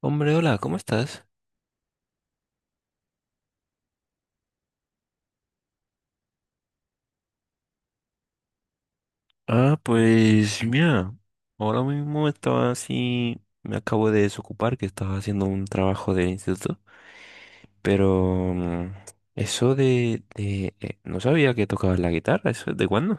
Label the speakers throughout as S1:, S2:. S1: Hombre, hola, ¿cómo estás? Ah, pues mira, ahora mismo estaba así, me acabo de desocupar que estaba haciendo un trabajo del instituto, pero mm, eso de no sabía que tocabas la guitarra, ¿eso es de cuándo?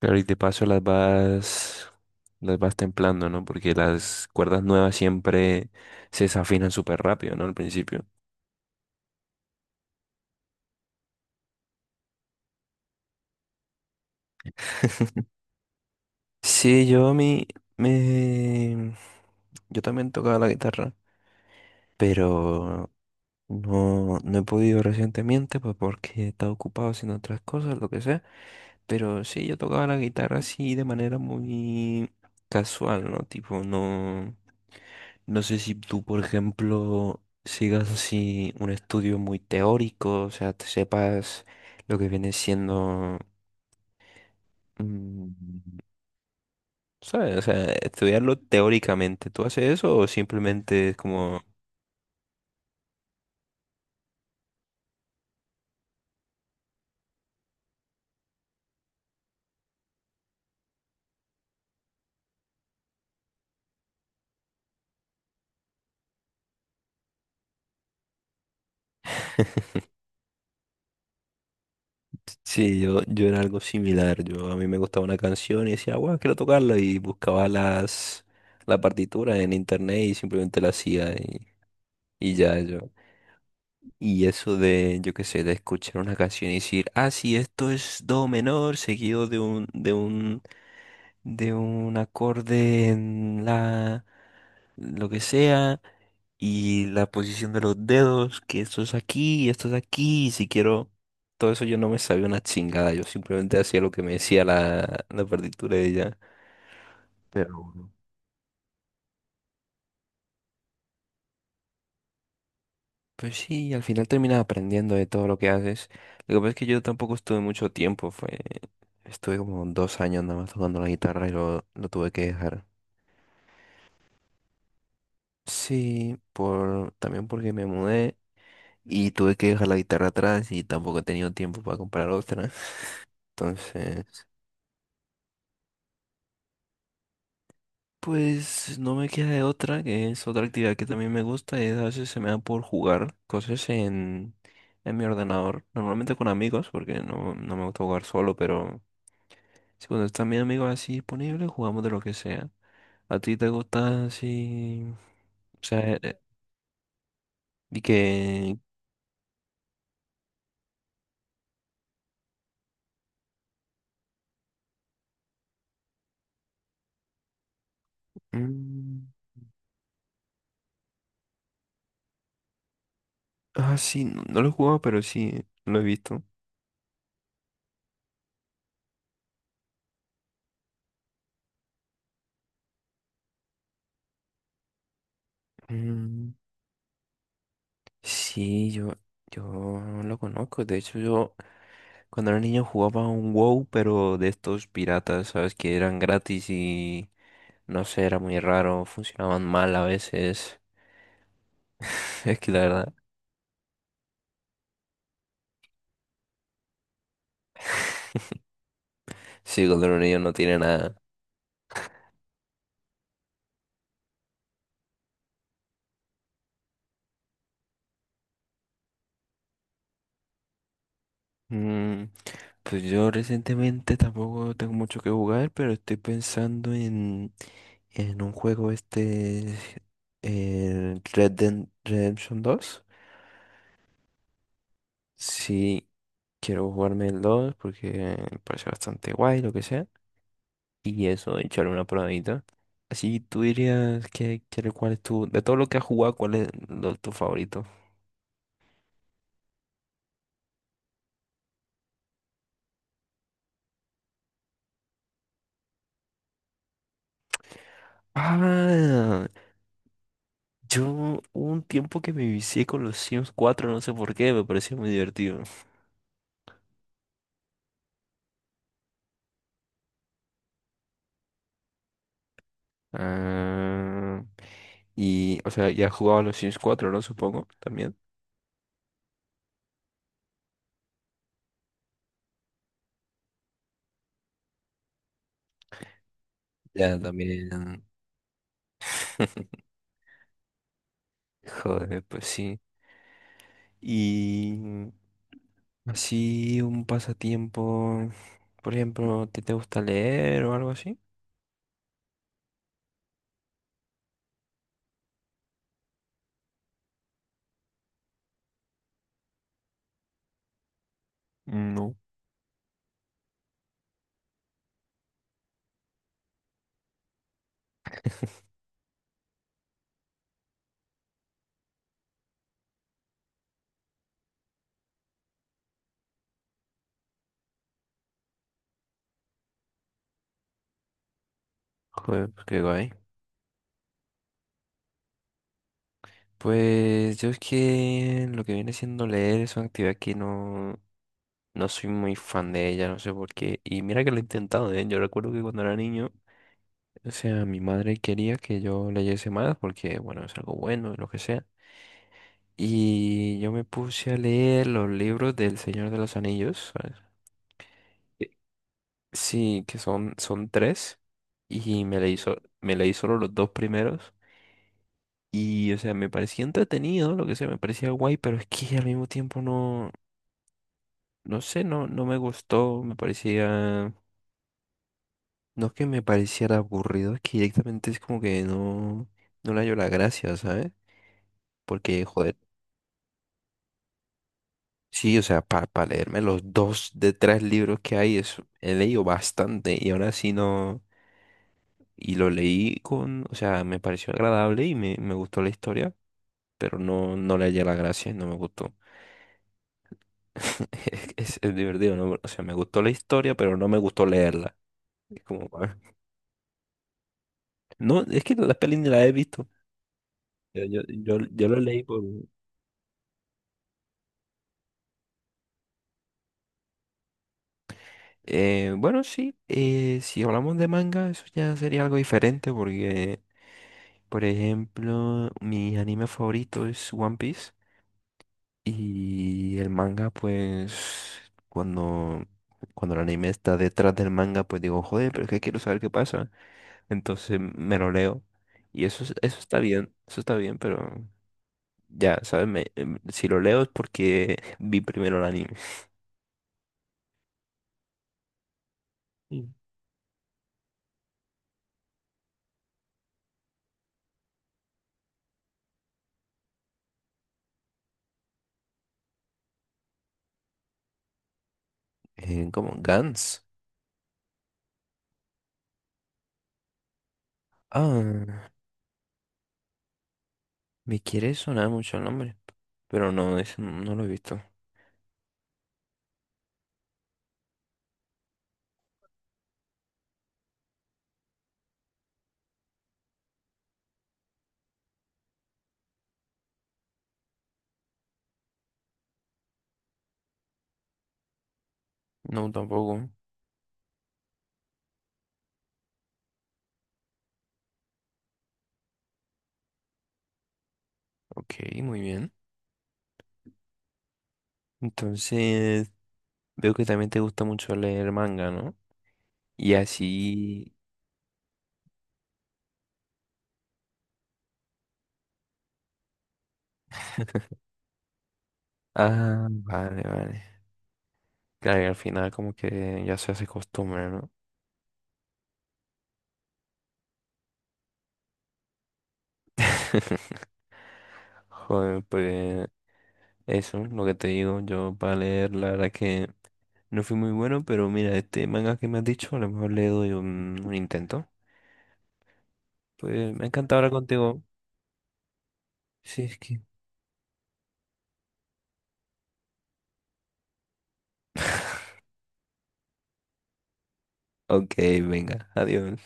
S1: Claro, y de paso las vas templando, ¿no? Porque las cuerdas nuevas siempre se desafinan súper rápido, ¿no? Al principio. Sí, yo a mí me... yo también tocaba la guitarra, pero... no, no he podido recientemente, pues porque he estado ocupado haciendo otras cosas, lo que sea. Pero sí, yo tocaba la guitarra así de manera muy casual, ¿no? Tipo, no, no sé si tú, por ejemplo, sigas así un estudio muy teórico, o sea, te sepas lo que viene siendo, mm, ¿sabes? O sea, estudiarlo teóricamente. ¿Tú haces eso o simplemente es como? Sí, yo era algo similar. Yo a mí me gustaba una canción y decía, wow, quiero tocarla. Y buscaba las la partitura en internet y simplemente la hacía y ya yo. Y eso de, yo qué sé, de escuchar una canción y decir, ah, sí, esto es do menor, seguido de un acorde en la lo que sea, y la posición de los dedos, que esto es aquí, y si quiero, todo eso yo no me sabía una chingada, yo simplemente hacía lo que me decía la partitura de ella. Pero bueno, pues sí, al final terminas aprendiendo de todo lo que haces. Lo que pasa es que yo tampoco estuve mucho tiempo, estuve como 2 años nada más tocando la guitarra y lo tuve que dejar. Sí, también porque me mudé y tuve que dejar la guitarra atrás y tampoco he tenido tiempo para comprar otra. Entonces. Pues no me queda de otra, que es otra actividad que también me gusta, y a veces se me da por jugar cosas en mi ordenador, normalmente con amigos, porque no, no me gusta jugar solo, pero si cuando están mis amigos así disponibles, jugamos de lo que sea. ¿A ti te gusta así? O sea, y que. mm, sí, no, no lo he jugado, pero sí, lo he visto. Mm, sí, yo lo conozco, de hecho yo. Cuando era niño jugaba un WoW, pero de estos piratas, ¿sabes? Que eran gratis y no sé, era muy raro, funcionaban mal a veces. Es que la verdad, sí, cuando era niño no tiene nada. Mm, pues yo recientemente tampoco tengo mucho que jugar, pero estoy pensando en un juego este, el Red Dead Redemption 2. Sí, quiero jugarme el 2 porque me parece bastante guay, lo que sea. Y eso, echarle una probadita. Así tú dirías que, cuál es tu, de todo lo que has jugado, cuál es tu favorito. Ah, yo hubo un tiempo que me vicié con los Sims 4, no sé por qué, me pareció muy divertido. Ah, y, o sea, ya has jugado a los Sims 4, ¿no? Supongo, también. Ya también. Joder, pues sí. Y así un pasatiempo, por ejemplo, ¿te gusta leer o algo así? No. Joder, pues qué guay. Pues yo es que lo que viene siendo leer es una actividad que no, no soy muy fan de ella, no sé por qué. Y mira que lo he intentado, ¿eh? Yo recuerdo que cuando era niño, o sea, mi madre quería que yo leyese más porque, bueno, es algo bueno y lo que sea. Y yo me puse a leer los libros del Señor de los Anillos, ¿sabes? Eh, Sí, que son tres. Y me leí solo los dos primeros. Y, o sea, me parecía entretenido, lo que sea, me parecía guay, pero es que al mismo tiempo no, no sé, no, no me gustó, me parecía, no es que me pareciera aburrido, es que directamente es como que no, no le hallo la gracia, ¿sabes? Porque, joder, sí, o sea, para leerme los dos de tres libros que hay, he leído bastante y ahora sí no, y lo leí con, o sea, me pareció agradable y me gustó la historia, pero no, no le hallé la gracia, no me gustó. Es divertido, ¿no? O sea, me gustó la historia, pero no me gustó leerla. Es como, no, es que la peli ni la he visto. Yo lo leí por. Bueno, sí, si hablamos de manga, eso ya sería algo diferente porque, por ejemplo, mi anime favorito es One Piece y el manga, pues, cuando, cuando el anime está detrás del manga, pues digo, joder, pero es que quiero saber qué pasa. Entonces me lo leo. Y eso, eso está bien, pero ya, ¿sabes? Si lo leo es porque vi primero el anime. Sí. Como Gans. Ah, me quiere sonar mucho el nombre. Pero no, no no lo he visto. No, tampoco. Ok, muy bien. Entonces, veo que también te gusta mucho leer manga, ¿no? Y así. Ah, vale, vale. Claro, y al final como que ya se hace costumbre, ¿no? Joder, pues. Eso, lo que te digo, yo para leer, la verdad que no fui muy bueno, pero mira, este manga que me has dicho, a lo mejor le doy un intento. Pues me encanta hablar contigo. Sí, es que. Ok, venga, adiós.